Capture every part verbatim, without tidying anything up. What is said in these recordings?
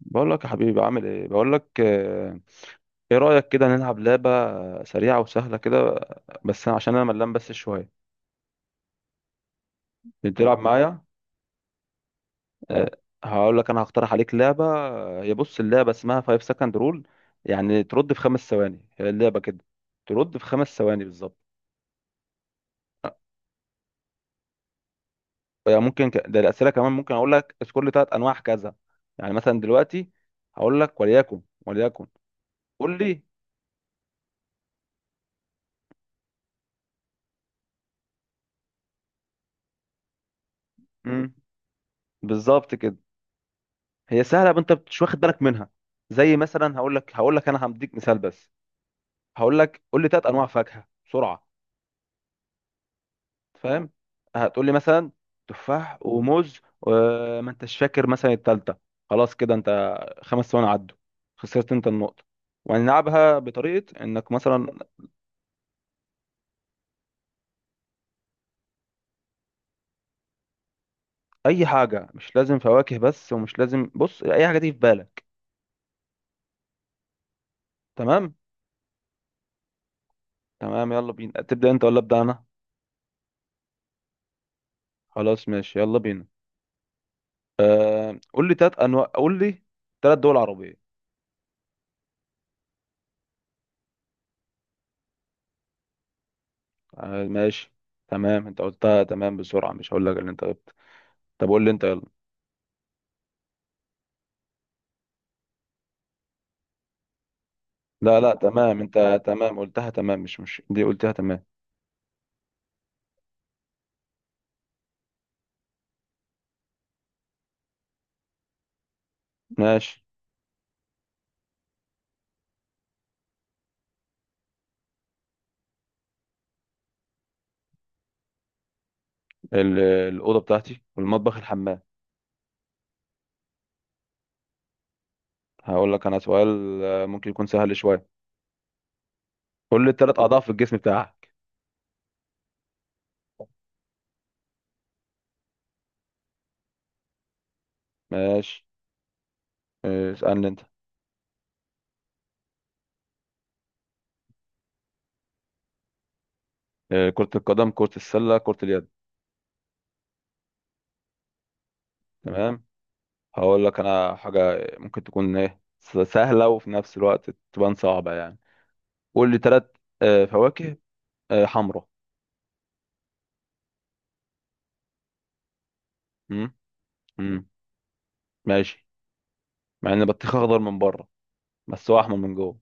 بقول لك يا حبيبي، عامل ايه؟ بقول لك آه. ايه رأيك كده نلعب لعبة آه، سريعة وسهلة كده، آه، بس أنا- عشان انا ملان بس شوية تلعب معايا. آه. هقول لك انا هقترح عليك لعبة، آه، هي بص اللعبة اسمها خمس سكند رول، يعني ترد في خمس ثواني. هي اللعبة كده، ترد في خمس ثواني بالظبط. يعني ممكن ك- ده الأسئلة كمان، ممكن اقول لك اذكر لي ثلاث انواع كذا، يعني مثلا دلوقتي هقول لك وليكن وليكن قول لي. مم. بالظبط كده. هي سهله بس انت مش واخد بالك منها. زي مثلا هقول لك هقول لك انا هديك مثال بس. هقول لك قول لي ثلاث انواع فاكهه بسرعه، فاهم؟ هتقول لي مثلا تفاح وموز وما انتش فاكر مثلا الثالثه، خلاص كده انت. خمس ثواني عدوا، خسرت انت النقطه. وهنلعبها بطريقه انك مثلا اي حاجه، مش لازم فواكه بس، ومش لازم، بص اي حاجه دي في بالك. تمام. تمام، يلا بينا. تبدا انت ولا ابدا انا؟ خلاص ماشي، يلا بينا. قول لي ثلاث انواع، قول لي ثلاث دول عربيه. آه، ماشي. تمام، انت قلتها تمام بسرعة، مش هقول لك اللي انت قلت. طب قول لي انت، يلا. لا لا، تمام انت، تمام قلتها تمام، مش مش دي قلتها تمام. ماشي. ال- الأوضة بتاعتي والمطبخ، الحمام. هقول لك انا سؤال، آه، ممكن يكون سهل شوية. قول لي الثلاث أعضاء في الجسم بتاعك. ماشي. آه، اسألني انت. آه، كرة القدم، كرة السلة، كرة اليد. تمام. هقول لك انا حاجة ممكن تكون ايه س- سهلة وفي نفس الوقت تبان صعبة، يعني قول لي ثلاث فواكه. آه، حمرا. مم؟ مم. ماشي. مع ان البطيخ اخضر من بره بس هو احمر من جوه.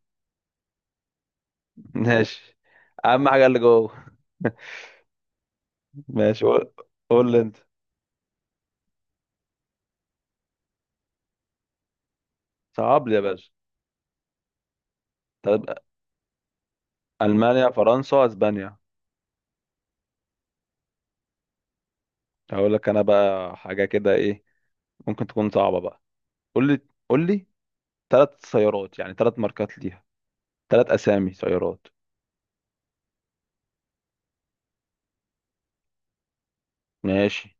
ماشي. اهم حاجه اللي جوه. ماشي، قول. قول لي انت. صعب لي يا باشا. طب، المانيا، فرنسا، اسبانيا. هقول لك انا بقى حاجه كده، ايه ممكن تكون صعبه بقى. قول لي قول لي ثلاث سيارات، يعني ثلاث ماركات ليها، ثلاث اسامي سيارات. ماشي.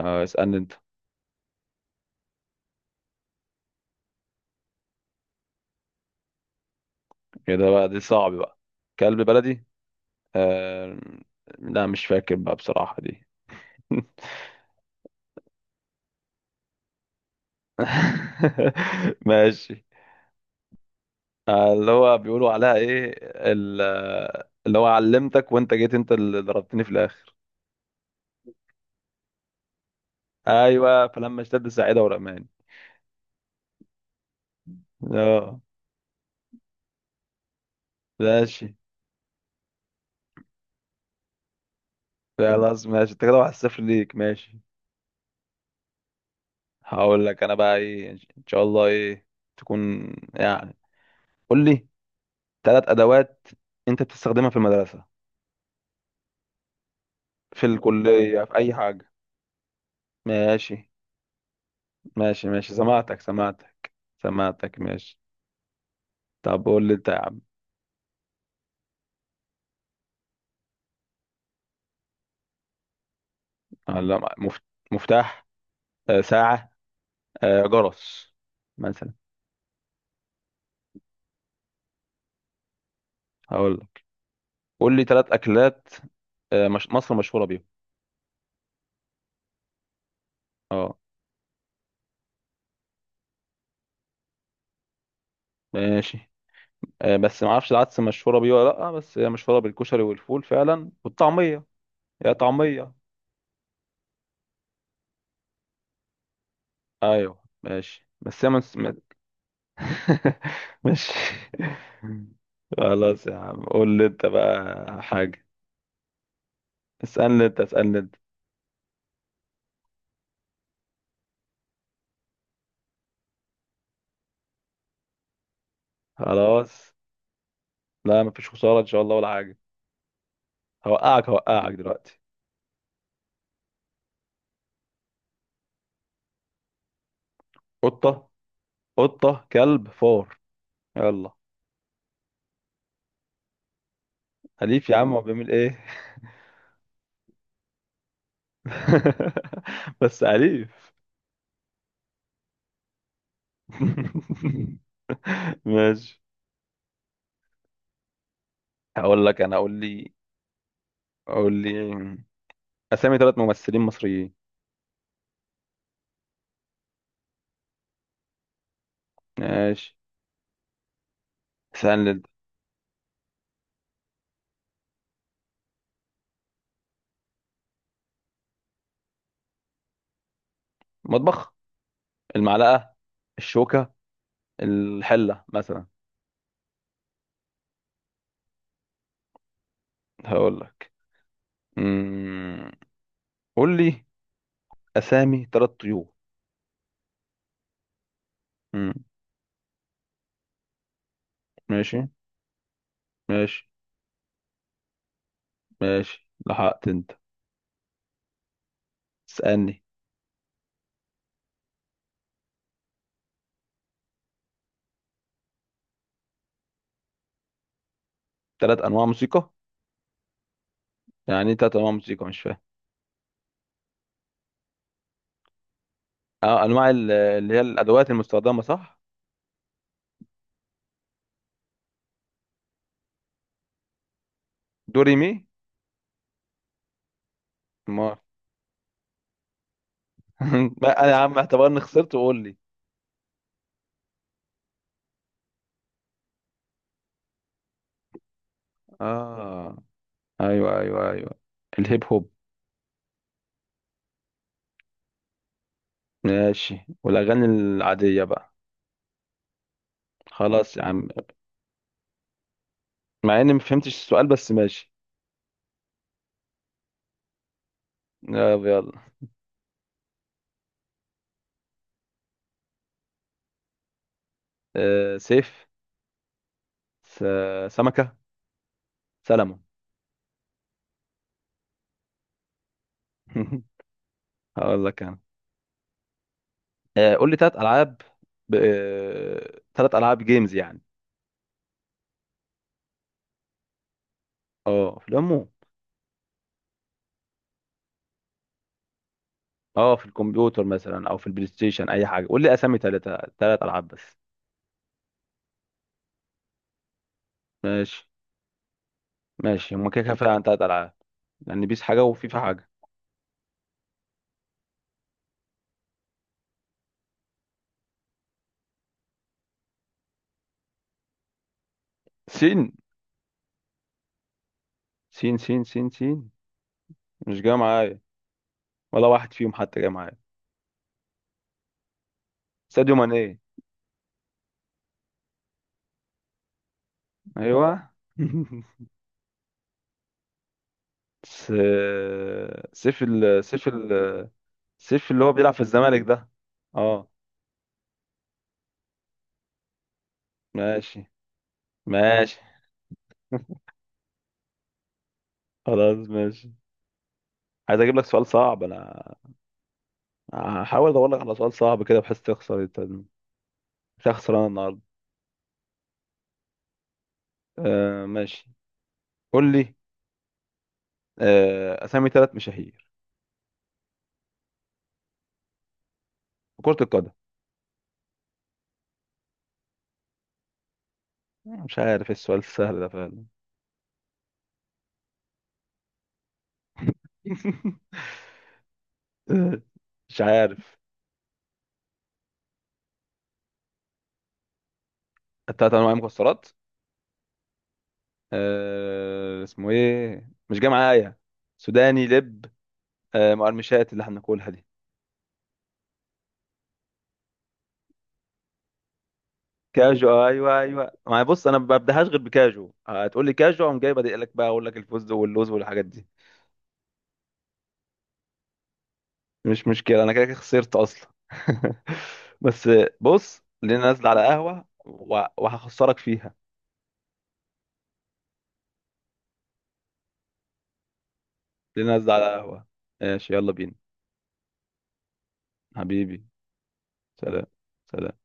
آه اسالني انت. كده بقى دي صعب بقى. كلب بلدي. آه. لا، مش فاكر بقى بصراحه دي. ماشي. آه، اللي هو بيقولوا عليها ايه؟ ال- اللي هو علمتك وانت جيت، انت اللي ضربتني في الاخر. ايوه، فلما اشتد ساعدة ورماني. اه. ماشي. خلاص ماشي، انت كده واحد صفر ليك، ماشي. هقول لك انا بقى، ايه ان شاء الله، ايه تكون؟ يعني قول لي ثلاث ادوات انت بتستخدمها في المدرسة، في الكلية، في اي حاجة. ماشي. ماشي ماشي، سمعتك سمعتك. سمعتك ماشي. طب قول لي انت يا عم. ولا مف- مفتاح، آه، ساعة، آه، جرس مثلا. هقول لك قول لي ثلاث اكلات، آه، مش... مصر مشهوره بيهم. اه، ماشي. آه، بس ما اعرفش العدس مشهوره بيه ولا لا، بس هي مشهوره بالكشري والفول فعلا والطعميه. يا طعميه. ايوه ماشي، بس هي منس... م- ماشي. خلاص يا عم، قول لي انت بقى حاجه. اسالني انت اسالني انت. خلاص، لا مفيش خساره ان شاء الله ولا حاجه. هوقعك هوقعك دلوقتي. قطه قطه كلب فار. يلا. أليف يا عم، هو بيعمل إيه؟ بس أليف. ماشي. هقول لك أنا، قول لي قول لي أسامي ثلاث ممثلين مصريين. ماشي، سهل جدا. مطبخ، المعلقة، الشوكة، الحلة مثلا. هقول لك، أمم، قول لي أسامي ثلاث طيور. أمم. ماشي ماشي ماشي، لحقت أنت. اسألني. ثلاث أنواع موسيقى. يعني إيه ثلاث أنواع موسيقى؟ مش فاهم. اه، انواع ال- اللي هي الادوات المستخدمه، صح؟ دوري مي. ما ما- انا يا عم، اعتبرني خسرت وقول لي. اه. ايوه ايوه ايوه، الهيب هوب. ماشي، والاغاني العاديه بقى. خلاص يا عم. مع اني ما فهمتش السؤال، بس ماشي. يلا يلا. آه سيف، س... سمكه، سلمون. هقول لك انا، آه قول لي ثلاث العاب، ب... آه... ثلاث العاب جيمز يعني. اه، في العموم. اه، في الكمبيوتر مثلا او في البلاي ستيشن، اي حاجه. قول لي اسامي ثلاثه ثلاث العاب بس. ماشي. ماشي، هما كده كده فعلا ثلاث العاب، لان بيس حاجه وفيفا حاجه. سين سين سين سين سين، مش جاي معايا. ولا واحد فيهم حتى جاي معايا. ساديو ماني. ايوه. س... سيف ال... سيف ال... سيف اللي هو بيلعب في الزمالك ده. اه. ماشي. ماشي. خلاص ماشي، عايز اجيب لك سؤال صعب انا. هحاول ادور لك على سؤال صعب كده بحيث تخسر انت. انت خسران النهارده. آه ماشي. قول لي، آه اسامي ثلاث مشاهير في كرة القدم. آه، مش عارف ايه السؤال السهل ده فعلا. مش عارف. التلات انواع مكسرات. آه اسمه ايه، مش جاي معايا. سوداني، لب. آه مقرمشات اللي احنا بناكلها دي. كاجو، ايوه ايوه. ما بص، انا ما ببداهاش غير بكاجو. هتقول لي كاجو، اقوم جاي بادئ لك بقى اقول لك الفوز واللوز والحاجات دي. مش مشكلة، أنا كده كده خسرت أصلا. بس، بص لينا نازلة على قهوة و- وهخسرك فيها. لينا نازلة على قهوة. ماشي، يلا بينا. حبيبي. سلام. سلام.